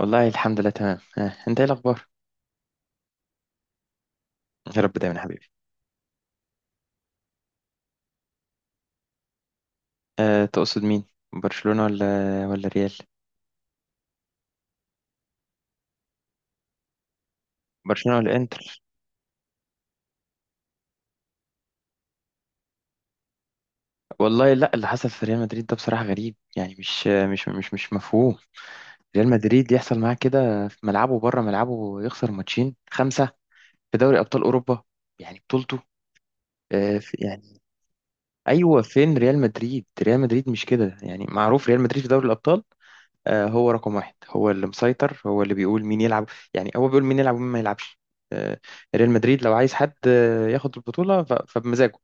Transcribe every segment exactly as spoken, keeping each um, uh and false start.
والله الحمد لله تمام آه. انت ايه الاخبار؟ يا رب دايما يا حبيبي. أه تقصد مين؟ برشلونة ولا؟ ولا ريال؟ برشلونة ولا انتر؟ والله لا، اللي حصل في ريال مدريد ده بصراحة غريب، يعني مش مش مش مش مفهوم. ريال مدريد يحصل معاه كده في ملعبه بره ملعبه، يخسر ماتشين خمسة في دوري ابطال اوروبا، يعني بطولته. أه في- يعني ايوه، فين ريال مدريد؟ ريال مدريد مش كده، يعني معروف ريال مدريد في دوري الابطال. آه، هو رقم واحد، هو اللي مسيطر، هو اللي بيقول مين يلعب، يعني هو بيقول مين يلعب ومين ما يلعبش. آه، ريال مدريد لو عايز حد آه، ياخد البطولة ف- فبمزاجه.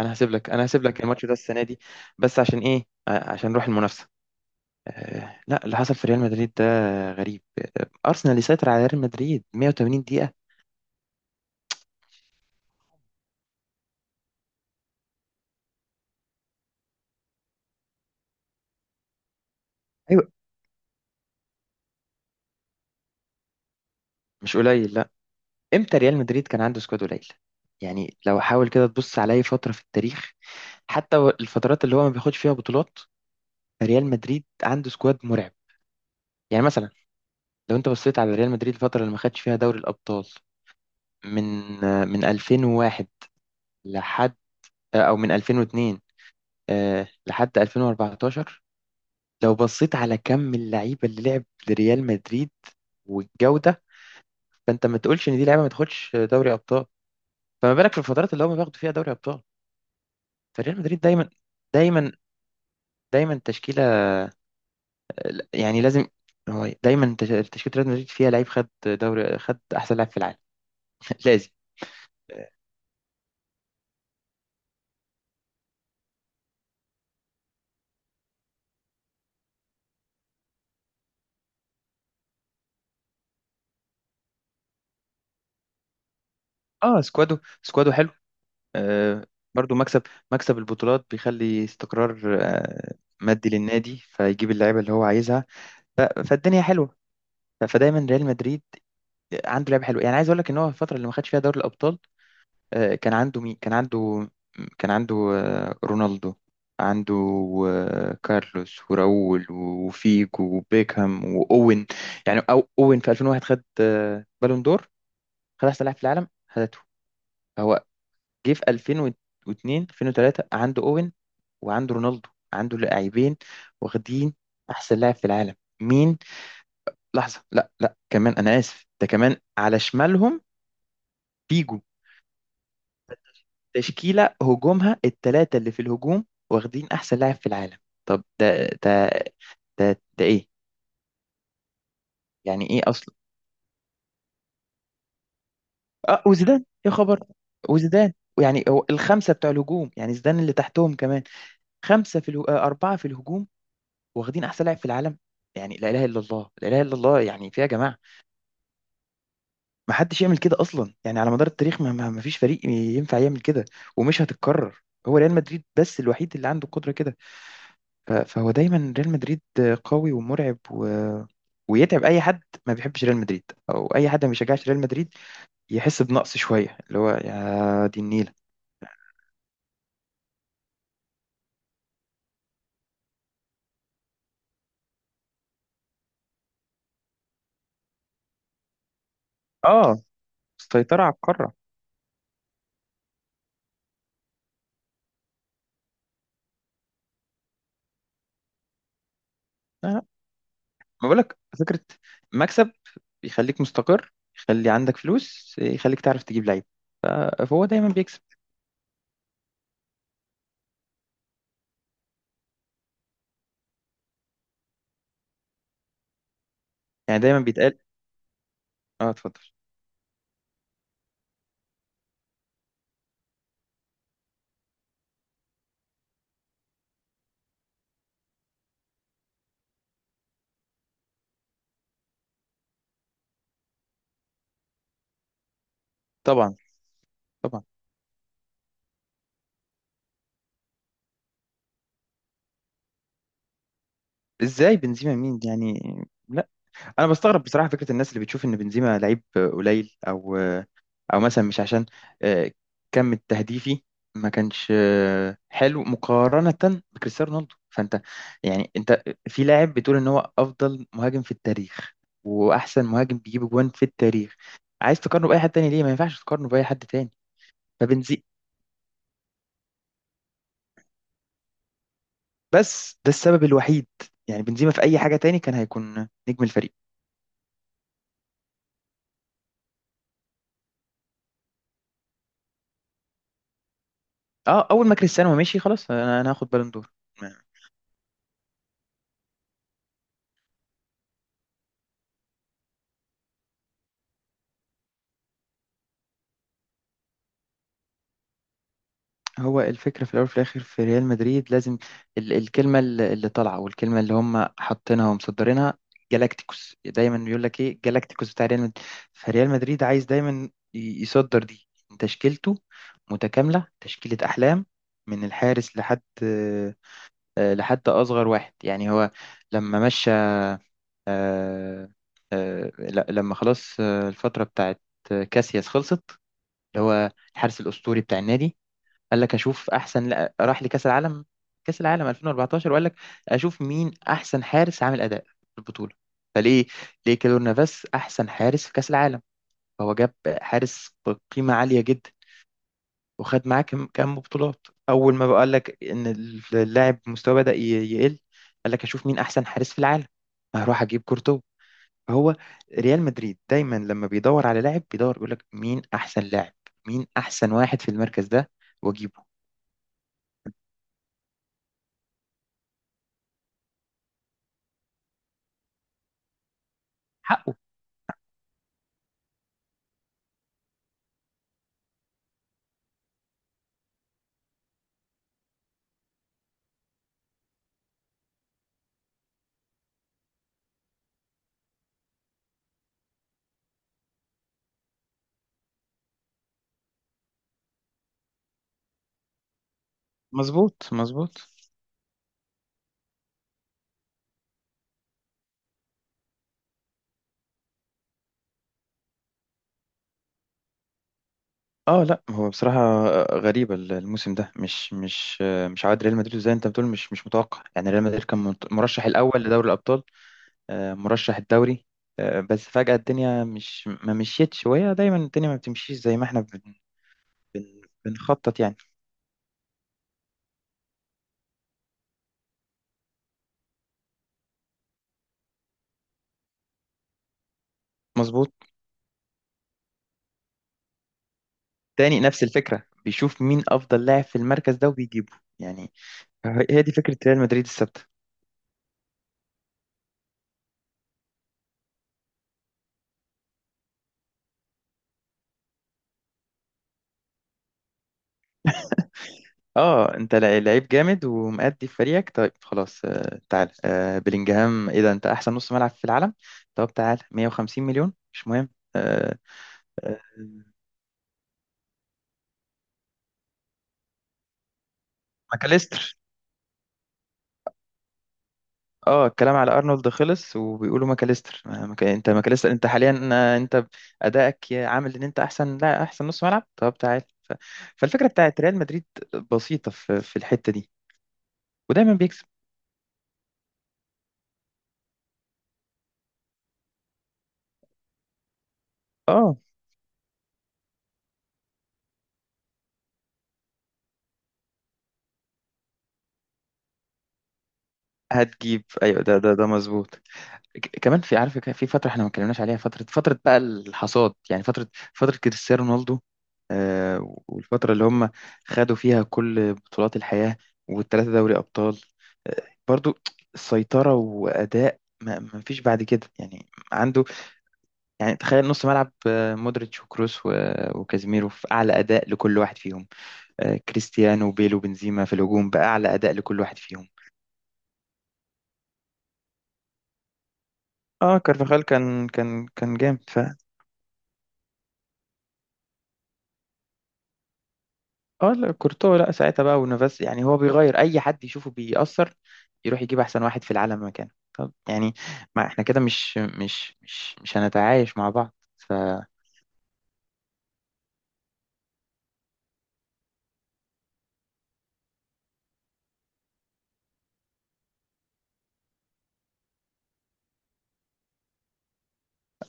انا هسيب لك انا هسيب لك الماتش ده السنة دي، بس عشان ايه؟ آه، عشان نروح المنافسة. آه، لا، اللي حصل في ريال مدريد ده غريب. آه، ارسنال يسيطر على ريال مدريد مية وتمانين دقيقة. ايوه، مش قليل، لا. امتى ريال مدريد كان عنده سكواد قليل؟ يعني لو حاول كده تبص على اي فترة في التاريخ، حتى الفترات اللي هو ما بياخدش فيها بطولات، ريال مدريد عنده سكواد مرعب. يعني مثلا لو انت بصيت على ريال مدريد الفتره اللي ما خدش فيها دوري الابطال، من من ألفين وواحد لحد، او من ألفين واثنين آه، لحد ألفين واربعة عشر، لو بصيت على كم اللعيبه اللي لعب لريال مدريد والجوده، فانت ما تقولش ان دي لعيبه ما تاخدش دوري ابطال، فما بالك في الفترات اللي هم بياخدوا فيها دوري ابطال. فريال مدريد دايما دايما دايما تشكيله، يعني لازم. هو دايما تش- تشكيله ريال مدريد فيها لعيب خد دوري، خد احسن لاعب في العالم. لازم. اه، سكوادو، سكوادو حلو آه، برضو. مكسب، مكسب البطولات بيخلي استقرار آه، مادي للنادي، فيجيب اللعيبه اللي هو عايزها. ف- فالدنيا حلوه. ف- فدايما ريال مدريد آه، عنده لعيبه حلوه. يعني عايز اقول لك ان هو الفتره اللي ما خدش فيها دوري الابطال آه، كان عنده مين؟ كان عنده كان عنده آه، رونالدو، عنده آه، كارلوس وراؤول وفيجو وبيكهام واوين. يعني او اوين في ألفين وواحد خد آه، بالون دور، خد احسن لاعب في العالم، خدته هو. جه في ألفين واثنين ألفين وثلاثة عنده اوين، وعنده رونالدو، عنده لاعبين واخدين احسن لاعب في العالم. مين؟ لحظه، لا لا، كمان انا اسف، ده كمان على شمالهم فيجو. تشكيله هجومها الثلاثه اللي في الهجوم واخدين احسن لاعب في العالم. طب ده ده ده ده ايه؟ يعني ايه اصلا؟ اه، وزيدان يا خبر. وزيدان، يعني هو الخمسه بتوع الهجوم، يعني زيدان اللي تحتهم كمان. خمسه في اله... آه، اربعه في الهجوم واخدين احسن لاعب في العالم. يعني لا اله الا الله، لا اله الا الله، يعني في يا جماعه، ما حدش يعمل كده اصلا، يعني على مدار التاريخ ما, ما ما فيش فريق ينفع يعمل كده، ومش هتتكرر. هو ريال مدريد بس الوحيد اللي عنده قدرة كده. ف- فهو دايما ريال مدريد قوي ومرعب و... ويتعب اي حد ما بيحبش ريال مدريد، او اي حد ما بيشجعش ريال مدريد يحس بنقص شوية، اللي هو يا دي النيلة. اه، السيطرة على القارة. لا لا، ما بقولك فكرة؟ مكسب يخليك مستقر، يخلي عندك فلوس، يخليك تعرف تجيب لعيب. ف- فهو دايما بيكسب، يعني دايما بيتقال. اه، اتفضل. طبعا، طبعا. ازاي بنزيما مين يعني؟ لا، انا بستغرب بصراحه فكره الناس اللي بتشوف ان بنزيما لعيب قليل، او او مثلا مش عشان آه، كم التهديفي ما كانش آه، حلو مقارنه بكريستيانو رونالدو، فانت يعني انت في لاعب بتقول ان هو افضل مهاجم في التاريخ واحسن مهاجم بيجيب جوان في التاريخ، عايز تقارنه باي حد تاني؟ ليه ما ينفعش تقارنه باي حد تاني؟ فبنزي بس ده السبب الوحيد، يعني بنزيما في اي حاجه تاني كان هيكون نجم الفريق. اه، اول ما كريستيانو مشي خلاص، انا انا هاخد بالون دور. هو الفكره في الاول وفي الاخر في ريال مدريد لازم، ال الكلمه اللي اللي طالعه، والكلمه اللي هم حاطينها ومصدرينها، جالاكتيكوس، دايما بيقول لك ايه؟ جالاكتيكوس بتاع ريال مدريد. فريال مدريد عايز دايما ي- يصدر دي، تشكيلته متكامله، تشكيله احلام، من الحارس لحد آه، لحد اصغر واحد. يعني هو لما مشى، آه، آه، لا- لما خلاص آه، الفتره بتاعت كاسياس خلصت، اللي هو الحارس الاسطوري بتاع النادي، قال لك اشوف احسن، لا، راح لكاس العالم. كاس العالم ألفين واربعة عشر، وقال لك اشوف مين احسن حارس عامل اداء في البطوله، فليه؟ ليه كيلور نافاس احسن حارس في كاس العالم. فهو جاب حارس بقيمه عاليه جدا، وخد معاه كم كم بطولات. اول ما بقى قال لك ان اللاعب مستواه بدأ ي- يقل، قال لك اشوف مين احسن حارس في العالم، هروح اجيب كورتوا. هو ريال مدريد دايما لما بيدور على لاعب، بيدور بيقول لك مين احسن لاعب، مين احسن واحد في المركز ده، واجيبه حقه. مظبوط، مظبوط. اه، لا، هو بصراحة غريبة الموسم ده، مش مش مش عواد ريال مدريد، زي انت بتقول، مش مش متوقع. يعني ريال مدريد كان منت- مرشح الاول لدوري الابطال، آه، مرشح الدوري. آه، بس فجأة الدنيا مش ما مشيتش، وهي دايما الدنيا ما بتمشيش زي ما احنا بن بن بنخطط يعني. مظبوط. تاني نفس الفكرة، بيشوف مين أفضل لاعب في المركز ده وبيجيبه، يعني هي دي فكرة ريال مدريد الثابتة. اه، انت لع- لعيب جامد ومأدي في فريقك، طيب خلاص، آه تعال، آه بلينجهام ايه ده؟ انت احسن نص ملعب في العالم، طب تعال مية وخمسين مليون، مش مهم. آه آه ماكاليستر. اه، الكلام على ارنولد خلص، وبيقولوا ماكاليستر، ما- مك... انت ماكاليستر، انت حاليا آه، انت ادائك يا- عامل ان انت احسن، لا، احسن نص ملعب، طب تعال. ف... فالفكرة بتاعت ريال مدريد بسيطة في في الحتة دي، ودايما بيكسب. اه، هتجيب، ايوه، ده ده ده مظبوط. ك- كمان في عارف، كان في فتره احنا ما اتكلمناش عليها، فتره فتره بقى الحصاد، يعني فتره فتره كريستيانو رونالدو، آه والفتره اللي هم خدوا فيها كل بطولات الحياه، والثلاثه دوري ابطال. آه برضو سيطره واداء ما ما فيش بعد كده، يعني عنده. يعني تخيل نص ملعب آه، مودريتش وكروس و- وكازيميرو في اعلى اداء لكل واحد فيهم، آه كريستيانو وبيلو وبنزيما في الهجوم باعلى اداء لكل واحد فيهم. اه، كارفاخال كان كان كان جامد، ف اه، لا، كورتوا، لا، ساعتها بقى ونافاس. يعني هو بيغير اي حد يشوفه بيأثر، يروح يجيب احسن واحد في العالم مكانه، طب يعني ما احنا كده مش مش مش مش هنتعايش مع بعض، ف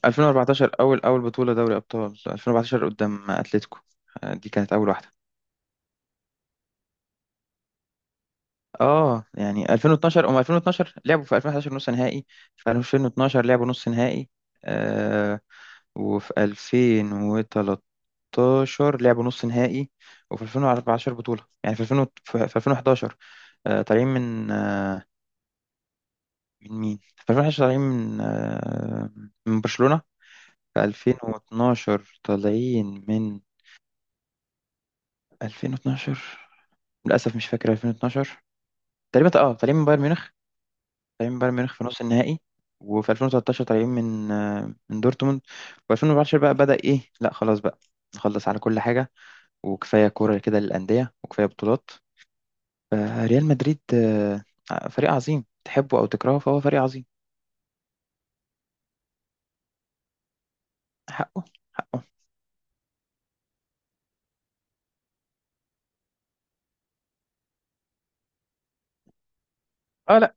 ألفين واربعتاشر اول اول بطولة دوري ابطال ألفين واربعتاشر قدام اتلتيكو. آه، دي كانت اول واحدة. اه، يعني ألفين واتناشر هم ألفين واتناشر لعبوا في ألفين وحداشر نص نهائي، في ألفين واتناشر لعبوا نص نهائي، آه وفي ألفين وثلاثة عشر لعبوا نص نهائي، وفي ألفين واربعة عشر بطولة. يعني في ألفين في في ألفين وحداشر آه طالعين من آه من مين؟ في ألفين وحداشر طالعين من آه من برشلونة. في ألفين واتناشر طالعين من ألفين واتناشر، للأسف مش فاكر ألفين واتناشر تقريبا. اه، طالعين من بايرن ميونخ، طالعين بايرن ميونخ في نص النهائي. وفي ألفين وتلتاشر طالعين من آه، من دورتموند. و2014 بقى بدأ ايه، لا خلاص بقى نخلص على كل حاجة، وكفاية كورة كده للأندية، وكفاية بطولات. فريال مدريد آه، فريق عظيم تحبه أو تكرهه، فهو فريق عظيم. حقه، حقه. اه، لا.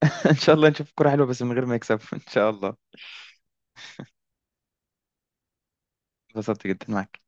ان شاء الله نشوف كورة حلوة بس من غير ما يكسب. ان شاء الله. اتبسطت جدا معاك.